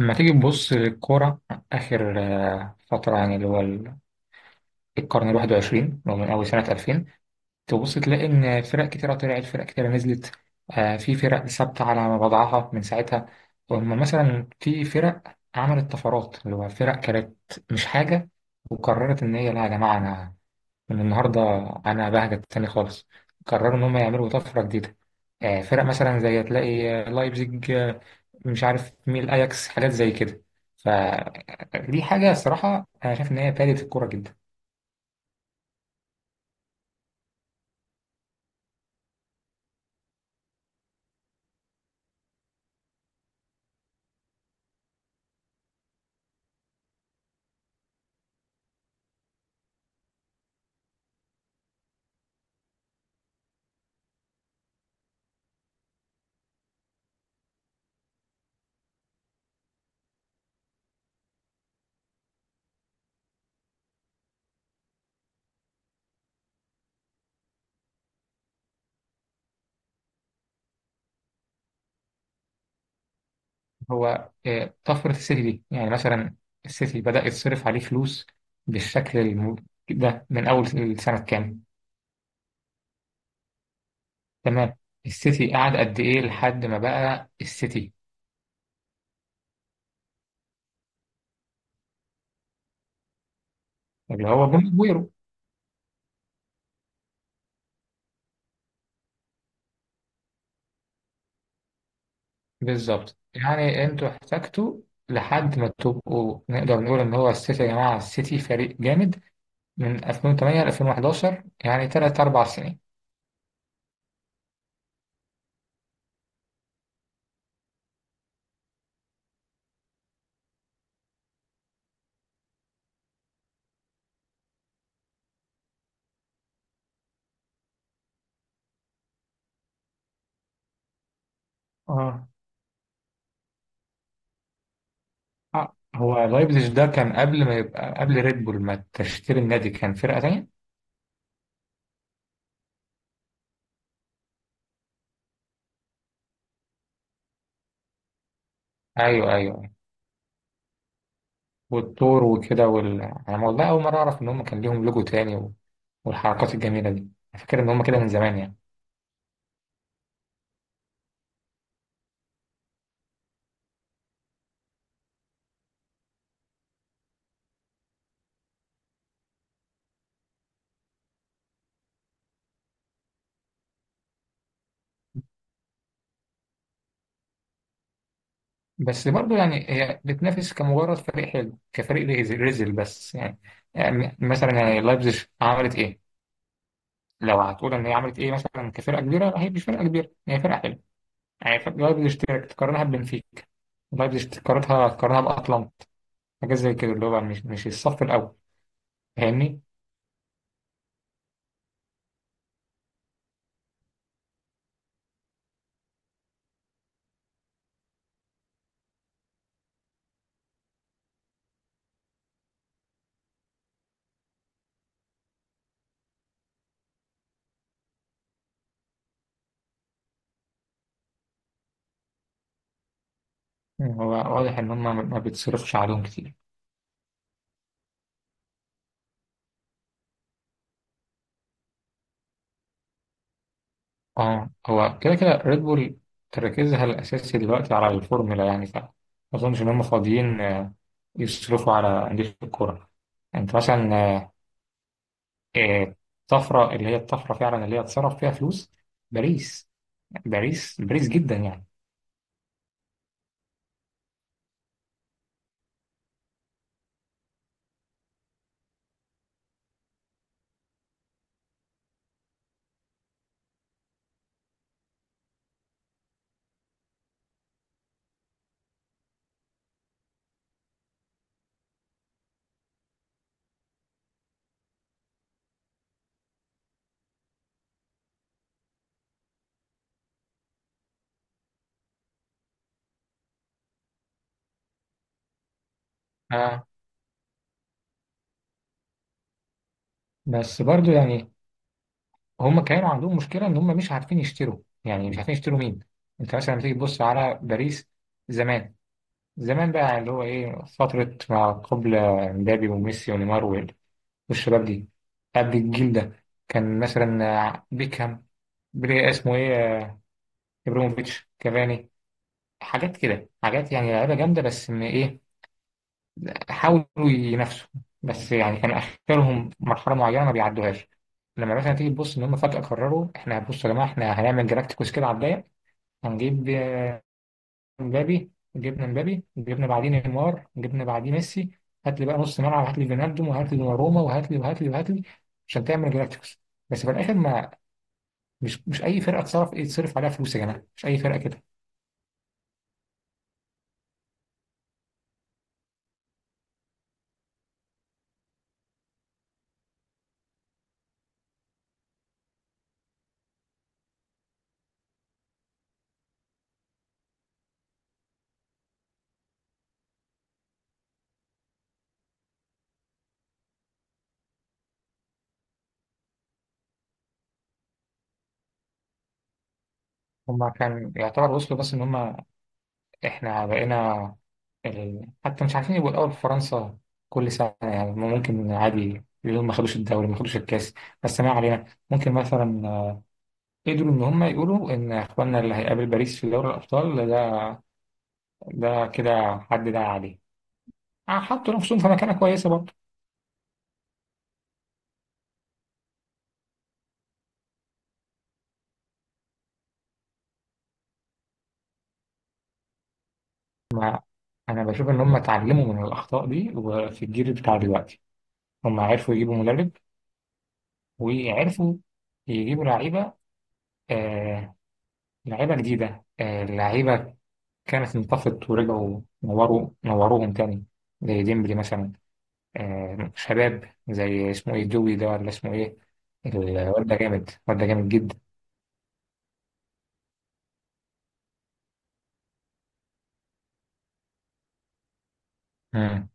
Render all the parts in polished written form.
لما تيجي تبص للكورة آخر فترة يعني القرن الواحد وعشرين اللي هو من أول سنة ألفين. تبص تلاقي إن فرق كتيرة طلعت، فرق كتيرة نزلت. في فرق ثابتة على وضعها من ساعتها، وأما مثلا في فرق عملت طفرات اللي هو فرق كانت مش حاجة وقررت إن هي لا، يا جماعة أنا من النهارده انا بهجت تاني خالص، قرروا ان هم يعملوا طفره جديده. فرق مثلا زي تلاقي لايبزيج، مش عارف مين، الاياكس، حاجات زي كده. فدي حاجه الصراحه انا شايف ان هي فادت الكوره جدا. هو طفره السيتي دي يعني مثلا السيتي بدا يتصرف عليه فلوس بالشكل الم- ده من اول السنه كام؟ تمام. السيتي قعد قد ايه لحد ما بقى السيتي اللي هو بوم. بالظبط، يعني انتوا احتجتوا لحد ما تبقوا نقدر نقول ان هو السيتي يا جماعه السيتي فريق جامد من 2008 ل 2011، يعني ثلاث اربع سنين. اه. هو لايبزيج ده كان قبل ما يبقى قبل ريد بول ما تشتري النادي كان فرقه تانية. ايوه ايوه، والطور وكده وال... انا والله اول مره اعرف ان هم كان ليهم لوجو تاني و... والحركات الجميله دي. أنا فاكر ان هم كده من زمان يعني. بس برضه يعني هي بتنافس كمجرد فريق حلو، كفريق ريزل، بس يعني، يعني مثلا يعني لايبزيج عملت ايه؟ لو هتقول ان هي عملت ايه مثلا، كفرقه كبيره هي مش فرقه كبيره، هي فرقه حلوه. يعني فرقة لايبزيج تقارنها ببنفيكا، لايبزيج تقارنها باتلانتا، حاجات زي كده، اللي هو مش الصف الاول. فاهمني؟ هو واضح ان هم ما بيتصرفش عليهم كتير. اه هو كده كده ريد بول تركيزها الأساسي دلوقتي على الفورمولا، يعني ف ما أظنش إن هم فاضيين يصرفوا على أندية الكورة. أنت مثلا آه، الطفرة اللي هي الطفرة فعلا اللي هي اتصرف فيها فلوس، باريس. باريس جدا يعني. آه. بس برضو يعني هم كانوا عندهم مشكلة إن هم مش عارفين يشتروا، يعني مش عارفين يشتروا مين. أنت مثلا لما تيجي تبص على باريس زمان، بقى اللي هو إيه، فترة ما قبل مبابي وميسي ونيمار والشباب دي. قبل الجيل ده كان مثلا بيكهام، بري اسمه ايه ابراهيموفيتش، كافاني، حاجات كده، حاجات يعني لعيبه جامده، بس ان ايه، حاولوا ينافسوا بس يعني كان اخرهم مرحله معينه ما بيعدوهاش. لما مثلا تيجي تبص ان هم فجاه قرروا احنا بصوا يا جماعه احنا هنعمل جلاكتيكوس كده على الضيق. هنجيب مبابي، جبنا مبابي جبنا بعدين نيمار جبنا بعدين ميسي، هات لي بقى نص ملعب، هات لي فينالدوم وهات لي دوناروما وهات لي عشان تعمل جلاكتيكوس. بس في الاخر ما، مش اي فرقه تصرف يتصرف عليها فلوس يا جماعه، مش اي فرقه كده. هم كان يعتبر وصلوا، بس ان هم احنا بقينا ال... حتى مش عارفين يبقوا الاول في فرنسا كل سنه. يعني هم ممكن عادي اليوم ما خدوش الدوري ما خدوش الكاس بس ما علينا. ممكن مثلا قدروا ان هم يقولوا ان اخواننا اللي هيقابل باريس في دوري الابطال ده، ده كده حد ده عليه. حطوا نفسهم في مكانه كويسه برضه. ما، انا بشوف ان هم اتعلموا من الاخطاء دي، وفي الجيل بتاع دلوقتي هم عرفوا يجيبوا مدرب وعرفوا يجيبوا لعيبة، آه لعيبة جديدة، آه لعيبة كانت انطفت ورجعوا نوروا نوروهم تاني، زي ديمبلي مثلا، آه شباب زي اسمه ايه دوي ده، ولا اسمه ايه. الواد ده جامد، الواد ده جامد جدا. مم.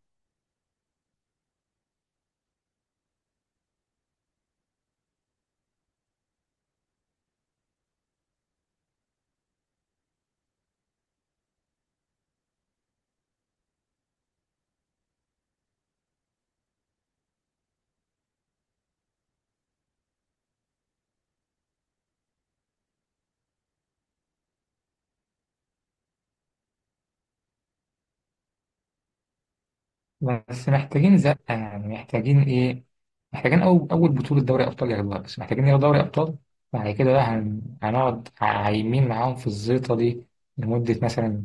بس محتاجين زقة، يعني محتاجين ايه، محتاجين أول، بطولة دوري أبطال ياخدوها، بس محتاجين ياخدوا دوري أبطال. بعد كده بقى هنقعد عايمين معاهم في الزيطة دي لمدة مثلا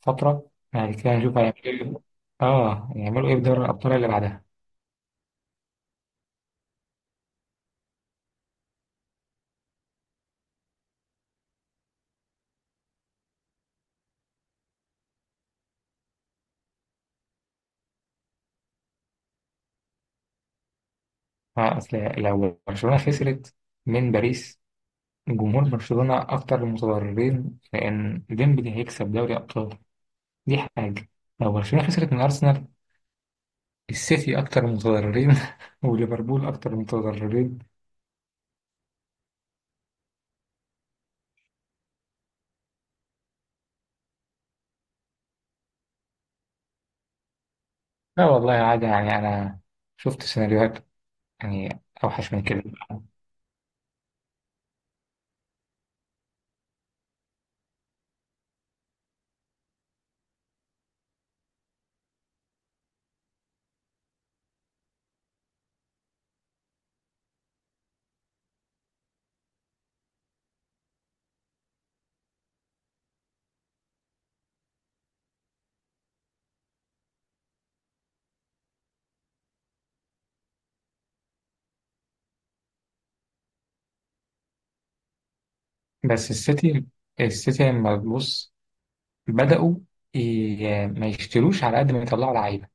فترة يعني، كده هنشوف هيعملوا ايه. اه هيعملوا ايه في دوري الأبطال اللي بعدها. أصل لو برشلونة خسرت من باريس، جمهور برشلونة أكتر المتضررين، لأن ديمبلي هيكسب دوري أبطال، دي حاجة. لو برشلونة خسرت من أرسنال، السيتي أكتر المتضررين وليفربول أكتر المتضررين. لا والله عادي، يعني أنا شفت سيناريوهات يعني أوحش من كده. بس السيتي، لما تبص بدأوا ما يشتروش على قد ما يطلعوا لعيبة،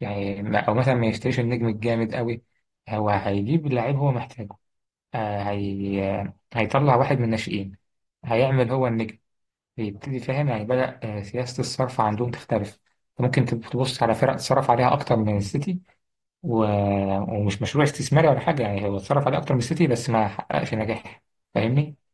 يعني أو مثلا ما يشتريش النجم الجامد قوي، هو هيجيب لعيب هو محتاجه. آه، هي... هيطلع واحد من الناشئين هيعمل هو النجم، يبتدي فاهم يعني بدأ سياسة الصرف عندهم تختلف. ممكن تبص على فرق اتصرف عليها أكتر من السيتي و... ومش مشروع استثماري ولا حاجة، يعني هو اتصرف عليه أكتر من السيتي بس ما حققش نجاح. فاهمني؟